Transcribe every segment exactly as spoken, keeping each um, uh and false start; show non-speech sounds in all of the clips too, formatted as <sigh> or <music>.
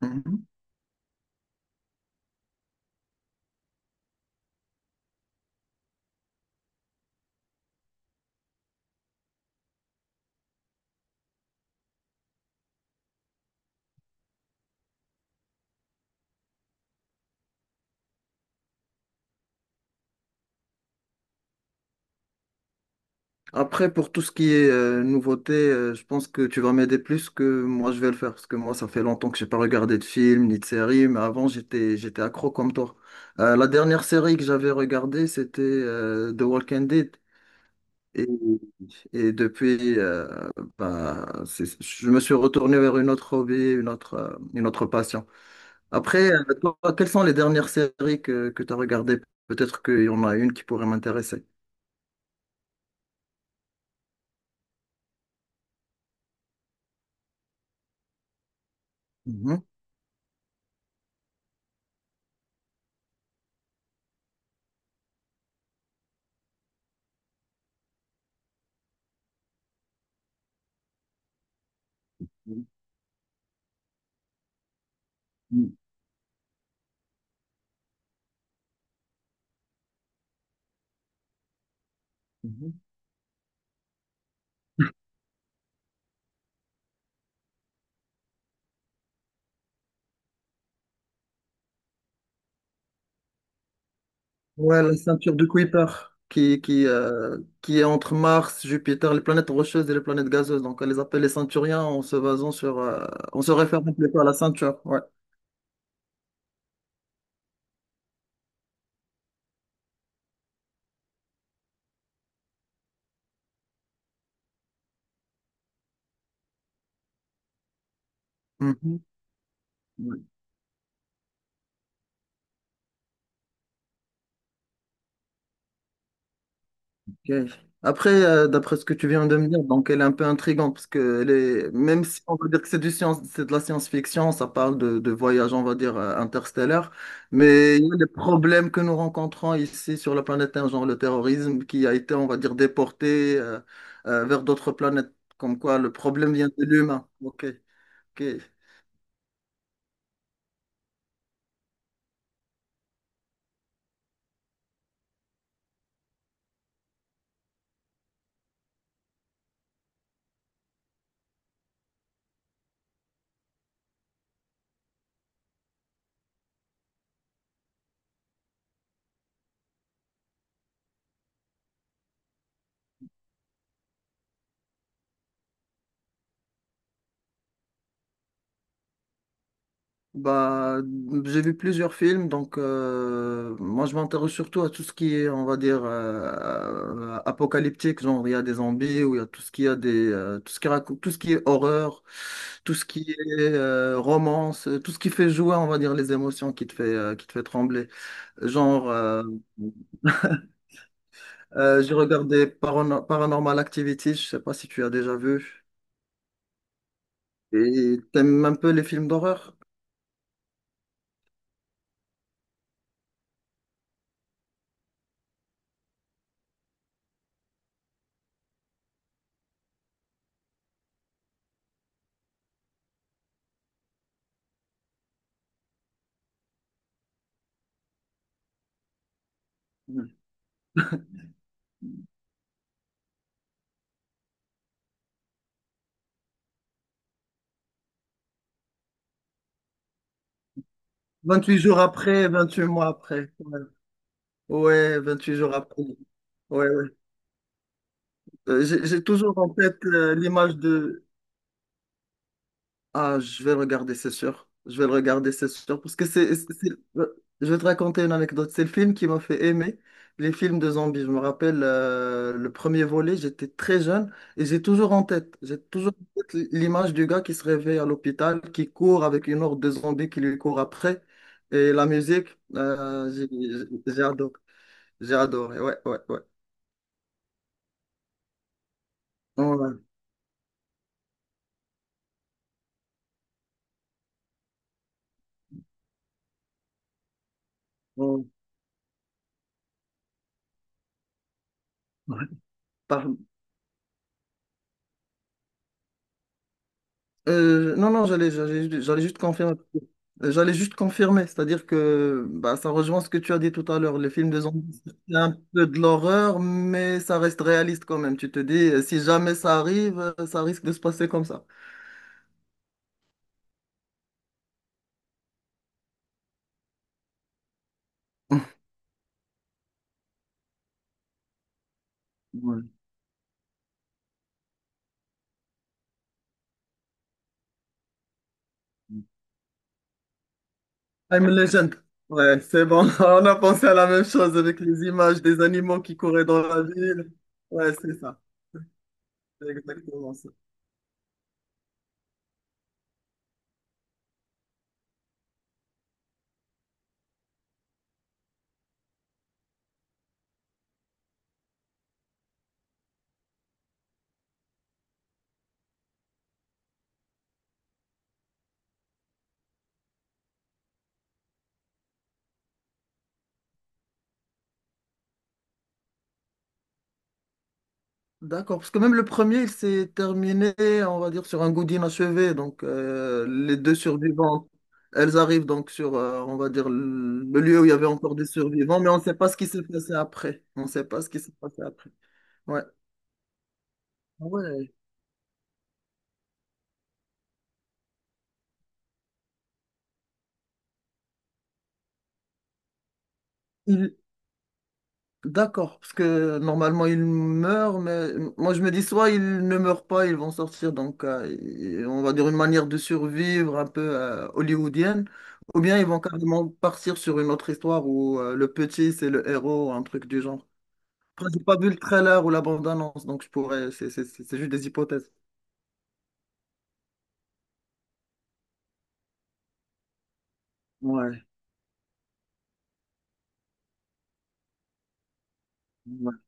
Mhm. Après, pour tout ce qui est euh, nouveauté, euh, je pense que tu vas m'aider plus que moi je vais le faire, parce que moi, ça fait longtemps que j'ai pas regardé de film ni de série, mais avant, j'étais, j'étais accro comme toi. Euh, la dernière série que j'avais regardée, c'était euh, The Walking Dead. Et, et depuis, euh, bah, c'est- je me suis retourné vers une autre hobby, une autre, euh, une autre passion. Après, euh, toi, quelles sont les dernières séries que, que tu as regardées? Peut-être qu'il y en a une qui pourrait m'intéresser. Mhm. Mhm. Ouais, la ceinture de Kuiper qui, qui, euh, qui est entre Mars, Jupiter, les planètes rocheuses et les planètes gazeuses. Donc, on les appelle les ceinturiens en se basant sur. Euh, on se réfère plutôt à la ceinture. Ouais. Mhm. Ok. Après, euh, d'après ce que tu viens de me dire, donc elle est un peu intrigante parce que elle est- même si on va dire que c'est du science, c'est de la science-fiction, ça parle de, de voyage, on va dire, euh, interstellaire, mais il y a des problèmes que nous rencontrons ici sur la planète Terre, genre le terrorisme qui a été, on va dire, déporté euh, euh, vers d'autres planètes, comme quoi le problème vient de l'humain. Ok, ok. Bah, j'ai vu plusieurs films, donc euh, moi je m'intéresse surtout à tout ce qui est, on va dire, euh, apocalyptique, genre il y a des zombies ou il y a tout ce qui a des, euh, tout ce qui raconte, tout ce qui est horreur, tout ce qui est euh, romance, euh, tout ce qui fait jouer, on va dire, les émotions qui te fait, euh, qui te fait trembler. Genre, euh, euh, j'ai regardé Parano- Paranormal Activity, je sais pas si tu as déjà vu, et t'aimes un peu les films d'horreur? Vingt-huit jours après, vingt-huit mois après. Ouais. Ouais, vingt-huit jours après. Ouais, ouais. Euh, J'ai j'ai toujours en tête euh, l'image de… Ah, je vais le regarder, c'est sûr. Je vais le regarder, c'est sûr. Parce que c'est... c'est- c'est- euh, je vais te raconter une anecdote. C'est le film qui m'a fait aimer les films de zombies. Je me rappelle euh, le premier volet, j'étais très jeune et j'ai toujours en tête, j'ai toujours en tête l'image du gars qui se réveille à l'hôpital, qui court avec une horde de zombies qui lui court après. Et la musique, euh, j'ai j'ai- j'ai adoré. J'ai adoré, ouais, ouais, ouais. Ouais, ouais. Par- euh, non, non, j'allais, j'allais, j'allais juste confirmer. Euh, J'allais juste confirmer, c'est-à-dire que bah, ça rejoint ce que tu as dit tout à l'heure. Les films de zombies, c'est un peu de l'horreur, mais ça reste réaliste quand même. Tu te dis, euh, si jamais ça arrive, euh, ça risque de se passer comme ça. <laughs> Ouais. I'm Legend. Ouais, c'est bon. <laughs> On a pensé à la même chose avec les images des animaux qui couraient dans la ville. Ouais, c'est ça. C'est exactement ça. D'accord, parce que même le premier, il s'est terminé, on va dire, sur un goût d'inachevé. Donc, euh, les deux survivants, elles arrivent donc sur, euh, on va dire, le le lieu où il y avait encore des survivants, mais on ne sait pas ce qui s'est passé après. On ne sait pas ce qui s'est passé après. Ouais. Ah ouais. Il- D'accord, parce que normalement ils meurent, mais moi je me dis soit ils ne meurent pas, ils vont sortir, donc euh, et- on va dire une manière de survivre un peu euh, hollywoodienne, ou bien ils vont carrément partir sur une autre histoire où euh, le petit c'est le héros, un truc du genre. Après, j'ai pas vu le trailer ou la bande-annonce, donc je pourrais, c'est c'est- c'est- c'est juste des hypothèses. Ouais. Ouais.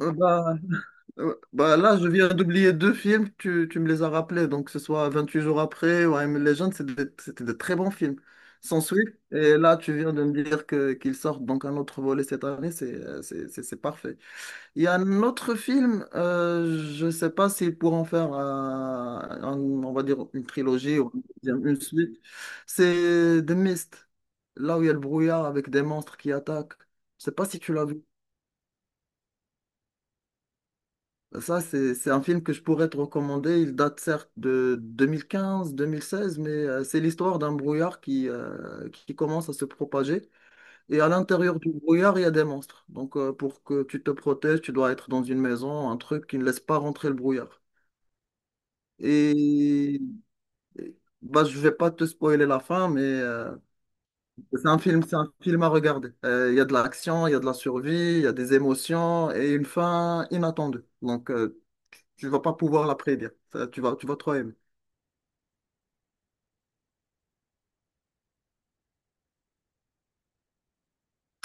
Euh, bah, Euh, Bah là, je viens d'oublier deux films, tu, tu me les as rappelés, donc que ce soit vingt-huit jours après ou I Am Legend, c'est des- c'était de, très bons films. Sans suite, et là, tu viens de me dire que qu'ils sortent donc un autre volet cette année, c'est euh, c'est c'est- c'est parfait. Il y a un autre film, euh, je sais pas s'ils pourront faire, euh, un- on va dire, une trilogie ou une une suite, c'est The Mist, là où il y a le brouillard avec des monstres qui attaquent. Je sais pas si tu l'as vu. Ça, c'est, c'est un film que je pourrais te recommander. Il date certes de deux mille quinze-deux mille seize, mais euh, c'est l'histoire d'un brouillard qui, euh, qui commence à se propager. Et à l'intérieur du brouillard, il y a des monstres. Donc, euh, pour que tu te protèges, tu dois être dans une maison, un truc qui ne laisse pas rentrer le brouillard. Et et- Bah, je vais pas te spoiler la fin, mais euh, c'est un film, c'est un film à regarder. Euh, Il y a de l'action, il y a de la survie, il y a des émotions et une fin inattendue. Donc, euh, tu vas pas pouvoir la prédire. Ça, tu vas, tu vas trop aimer.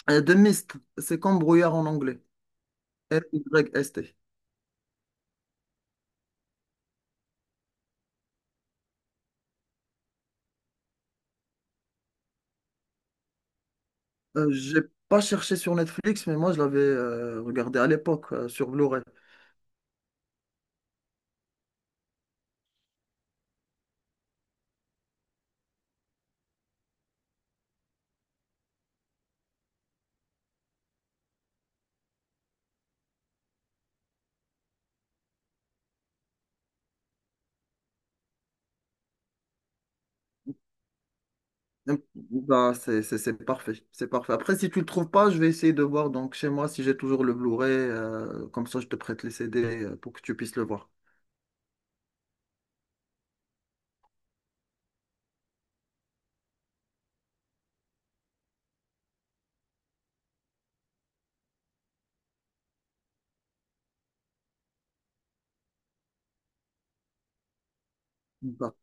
Euh, The Mist, c'est comme brouillard en anglais. M-Y-S-T. Euh, j'ai pas cherché sur Netflix, mais moi je l'avais euh, regardé à l'époque euh, sur Blu-ray. Euh, Bah, c'est c'est- c'est parfait, c'est parfait. Après, si tu le trouves pas, je vais essayer de voir donc chez moi si j'ai toujours le Blu-ray. Euh, comme ça, je te prête les C D euh, pour que tu puisses le voir. Bah.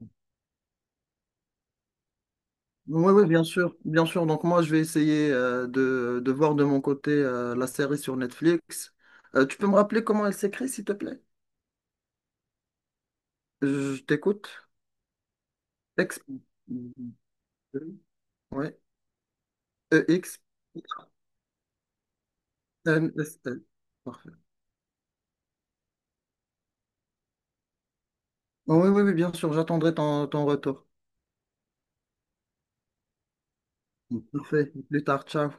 Oui, oui, bien sûr, bien sûr. Donc moi, je vais essayer euh, de, de voir de mon côté euh, la série sur Netflix. Euh, tu peux me rappeler comment elle s'écrit, s'il te plaît? Je t'écoute. Ex… Ouais. E X M S L. Parfait. Oh, oui, oui, oui, bien sûr, j'attendrai ton, ton retour. Parfait. Plus tard, ciao.